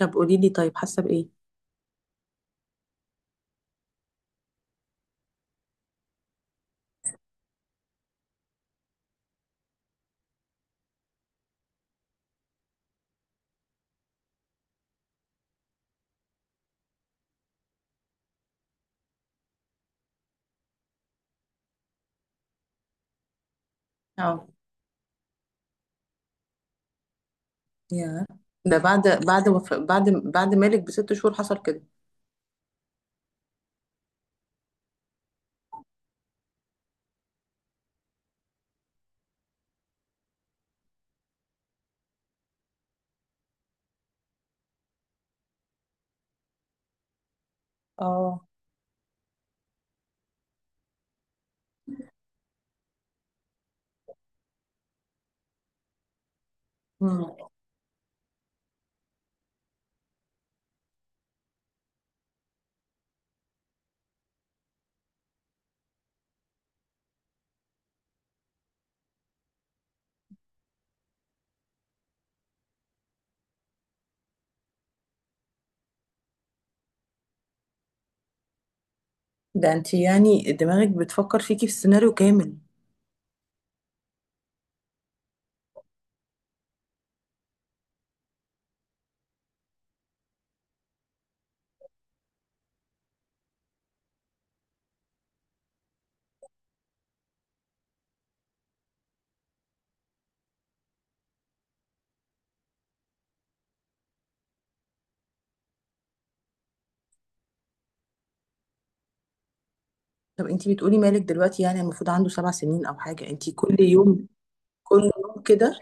طب قولي لي، طيب حاسه بايه؟ اه، يا. ده بعد بعد وف... بعد بعد مالك بـ6 شهور حصل كده؟ اه. مم. ده انت يعني دماغك بتفكر فيكي في السيناريو كامل. طب انت بتقولي مالك دلوقتي يعني المفروض عنده 7 سنين او حاجه، انت كل يوم؟ كل يوم كده.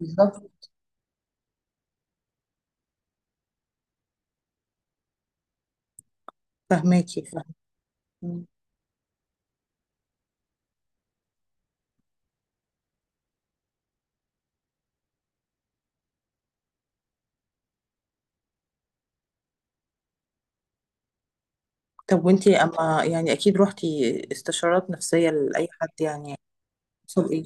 بالظبط. فهماكي. مم. طب وانت اما يعني اكيد روحتي استشارات نفسيه لاي حد يعني؟ حصل ايه؟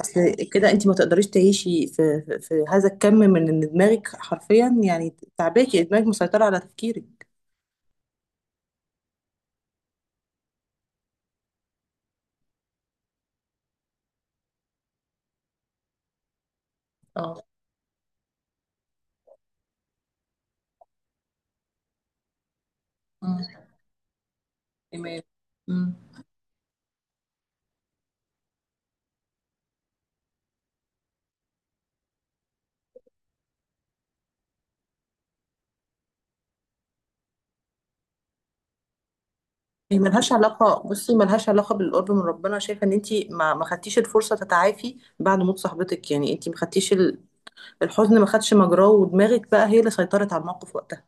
اصل كده انت ما تقدريش تعيشي في هذا الكم من ان دماغك حرفيا، يعني تعباكي دماغك، مسيطرة على تفكيرك. اه. امم تمام. امم هي ملهاش علاقة، بصي ملهاش علاقة بالقرب من ربنا، شايفة ان انتي ما خدتيش الفرصة تتعافي بعد موت صاحبتك، يعني انتي ما خدتيش الحزن، ما خدش مجراه ودماغك بقى هي اللي سيطرت على الموقف وقتها.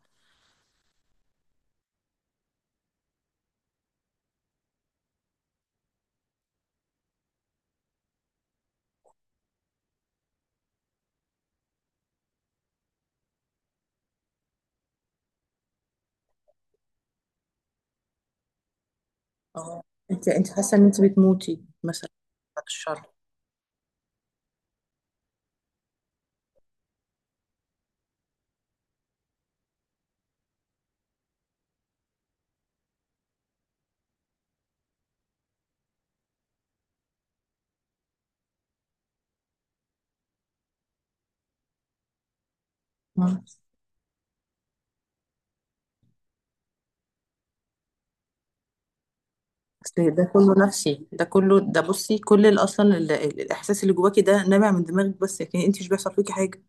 اه. انتي حاسة ان انتي بتموتي مثلا؟ بعد الشر. اصل ده كله نفسي، ده كله، ده بصي اصلا الاحساس اللي جواكي ده نابع من دماغك بس، لكن انت مش بيحصل فيكي حاجه.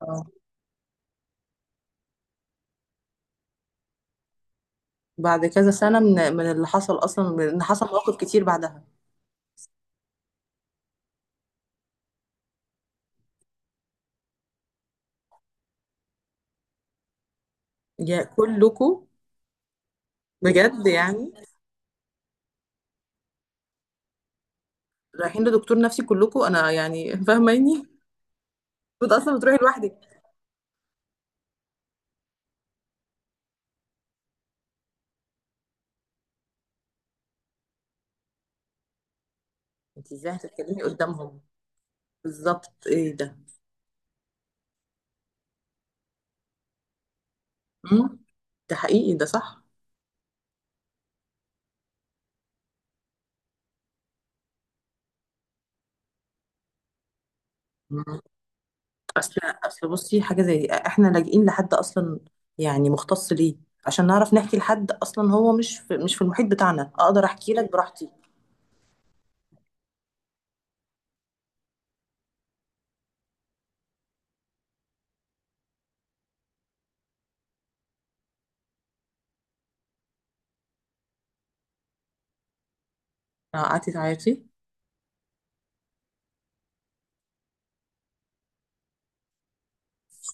اه. بعد كذا سنه من اللي حصل اصلا، من إن حصل مواقف كتير بعدها. يا كلكم؟ بجد يعني؟ رايحين لدكتور نفسي كلكم؟ انا يعني فاهماني. كنت اصلا بتروحي لوحدك؟ انت ازاي هتتكلمي قدامهم؟ بالظبط، ايه ده؟ مم؟ ده حقيقي، ده صح. اصل اصل بصي حاجه زي دي احنا لاجئين لحد اصلا، يعني مختص ليه؟ عشان نعرف نحكي لحد اصلا، هو مش في المحيط بتاعنا اقدر احكي لك براحتي. قعدتي تعيطي؟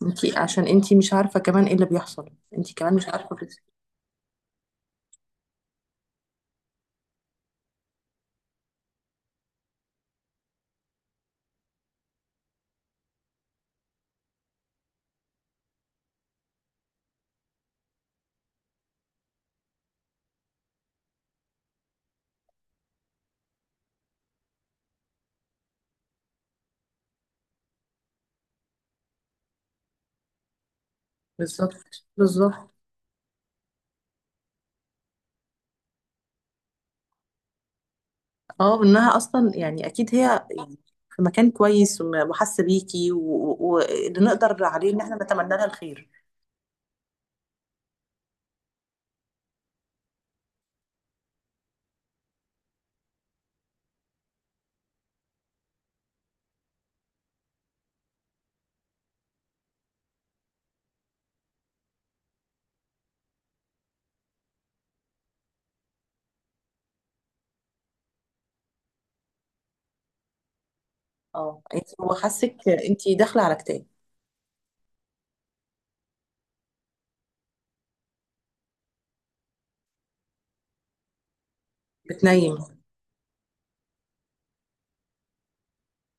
انتي عشان انتي مش عارفه كمان ايه اللي بيحصل. انتي كمان مش عارفه. بالظبط. بالظبط. اه، انها اصلا يعني اكيد هي في مكان كويس وحاسه بيكي واللي نقدر عليه ان احنا نتمنى لها الخير. اه. انتي هو حاسك؟ انتي داخله على كتاب. بتنيم.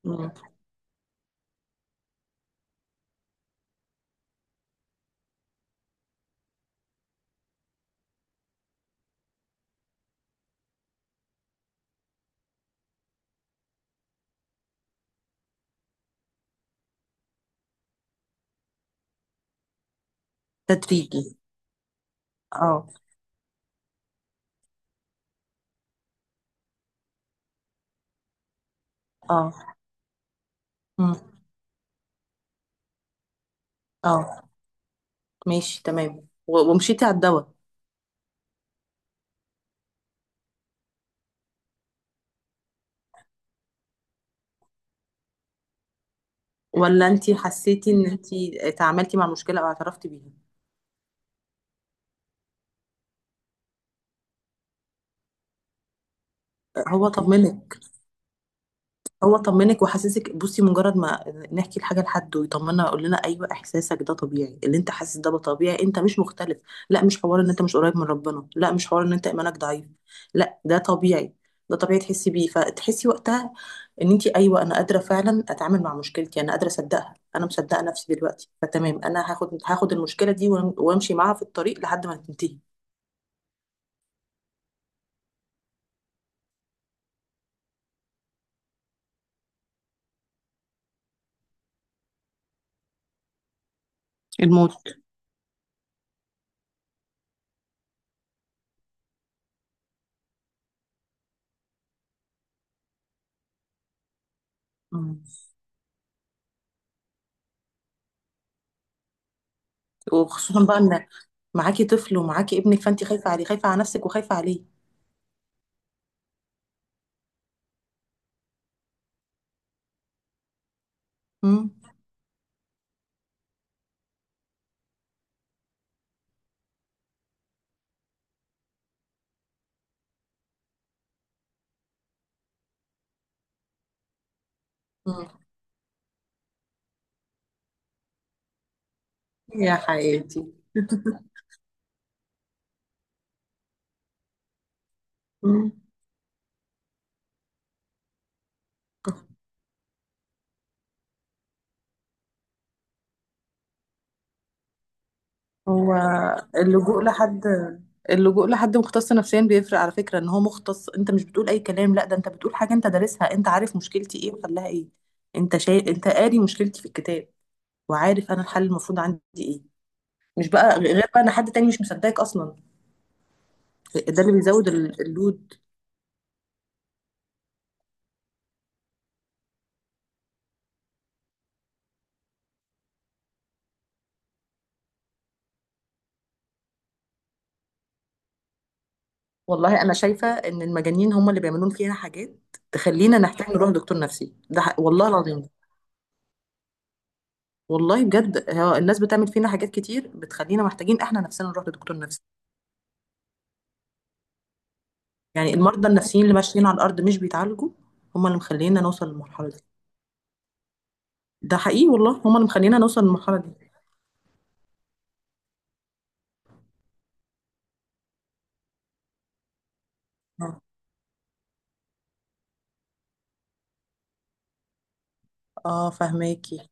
مم. تدريجي. اه. اه. مم. اه. ماشي، تمام. ومشيتي على الدواء؟ ولا انتي حسيتي ان انتي اتعاملتي مع المشكلة او اعترفتي بيها؟ هو طمنك. هو طمنك وحسسك، بصي مجرد ما نحكي الحاجه لحد ويطمننا يقول لنا ايوه احساسك ده طبيعي، اللي انت حاسس ده طبيعي، انت مش مختلف. لا، مش حوار ان انت مش قريب من ربنا، لا، مش حوار ان انت ايمانك ضعيف. لا، ده طبيعي. ده طبيعي تحسي بيه، فتحسي وقتها ان انت ايوه انا قادره فعلا اتعامل مع مشكلتي، انا قادره اصدقها، انا مصدقه نفسي دلوقتي فتمام، انا هاخد المشكله دي وامشي معاها في الطريق لحد ما تنتهي. الموت. مم. وخصوصا بقى ان معاكي طفل، ومعاكي ابنك، فانت خايفه عليه، خايفه على نفسك وخايفه عليه. مم. مم. يا حياتي. مم. هو. اللجوء لحد. اللجوء لحد مختص نفسيا بيفرق، على فكرة ان هو مختص، انت مش بتقول اي كلام، لا ده انت بتقول حاجة انت دارسها، انت عارف مشكلتي ايه وحلها ايه. انت قاري مشكلتي في الكتاب. وعارف انا الحل المفروض عندي ايه. مش بقى غير بقى ان حد تاني مش مصدقك اصلا. ده اللي بيزود اللود. والله انا شايفة ان المجانين هم اللي بيعملون فينا حاجات تخلينا نحتاج نروح دكتور نفسي، ده والله العظيم. والله بجد، هو الناس بتعمل فينا حاجات كتير بتخلينا محتاجين احنا نفسنا نروح لدكتور نفسي. يعني المرضى النفسيين اللي ماشيين على الارض مش بيتعالجوا هم اللي مخلينا نوصل للمرحله دي. ده حقيقي والله، هم اللي مخلينا نوصل للمرحله دي. اه. فهماكي.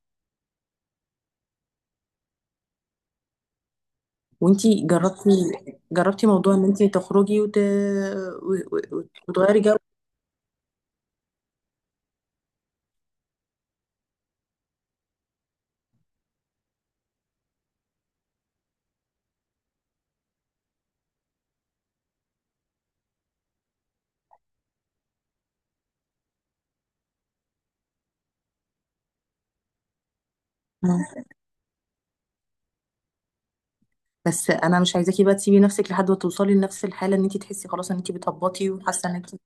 وانتي جربتي؟ جربتي موضوع ان انتي تخرجي و... وتغيري جو؟ مم. بس انا مش عايزاكي بقى تسيبي نفسك لحد ما توصلي لنفس الحاله ان انتي تحسي خلاص ان انتي بتهبطي وحاسه ان انتي.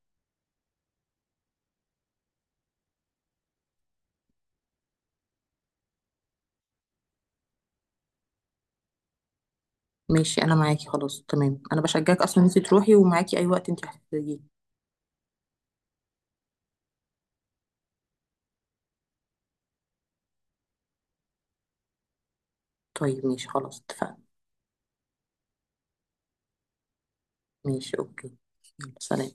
ماشي، انا معاكي خلاص، تمام. انا بشجعك اصلا ان انتي تروحي، ومعاكي اي وقت انتي هتحتاجيه. طيب ماشي، خلاص اتفقنا. ماشي، اوكي. يلا سلام.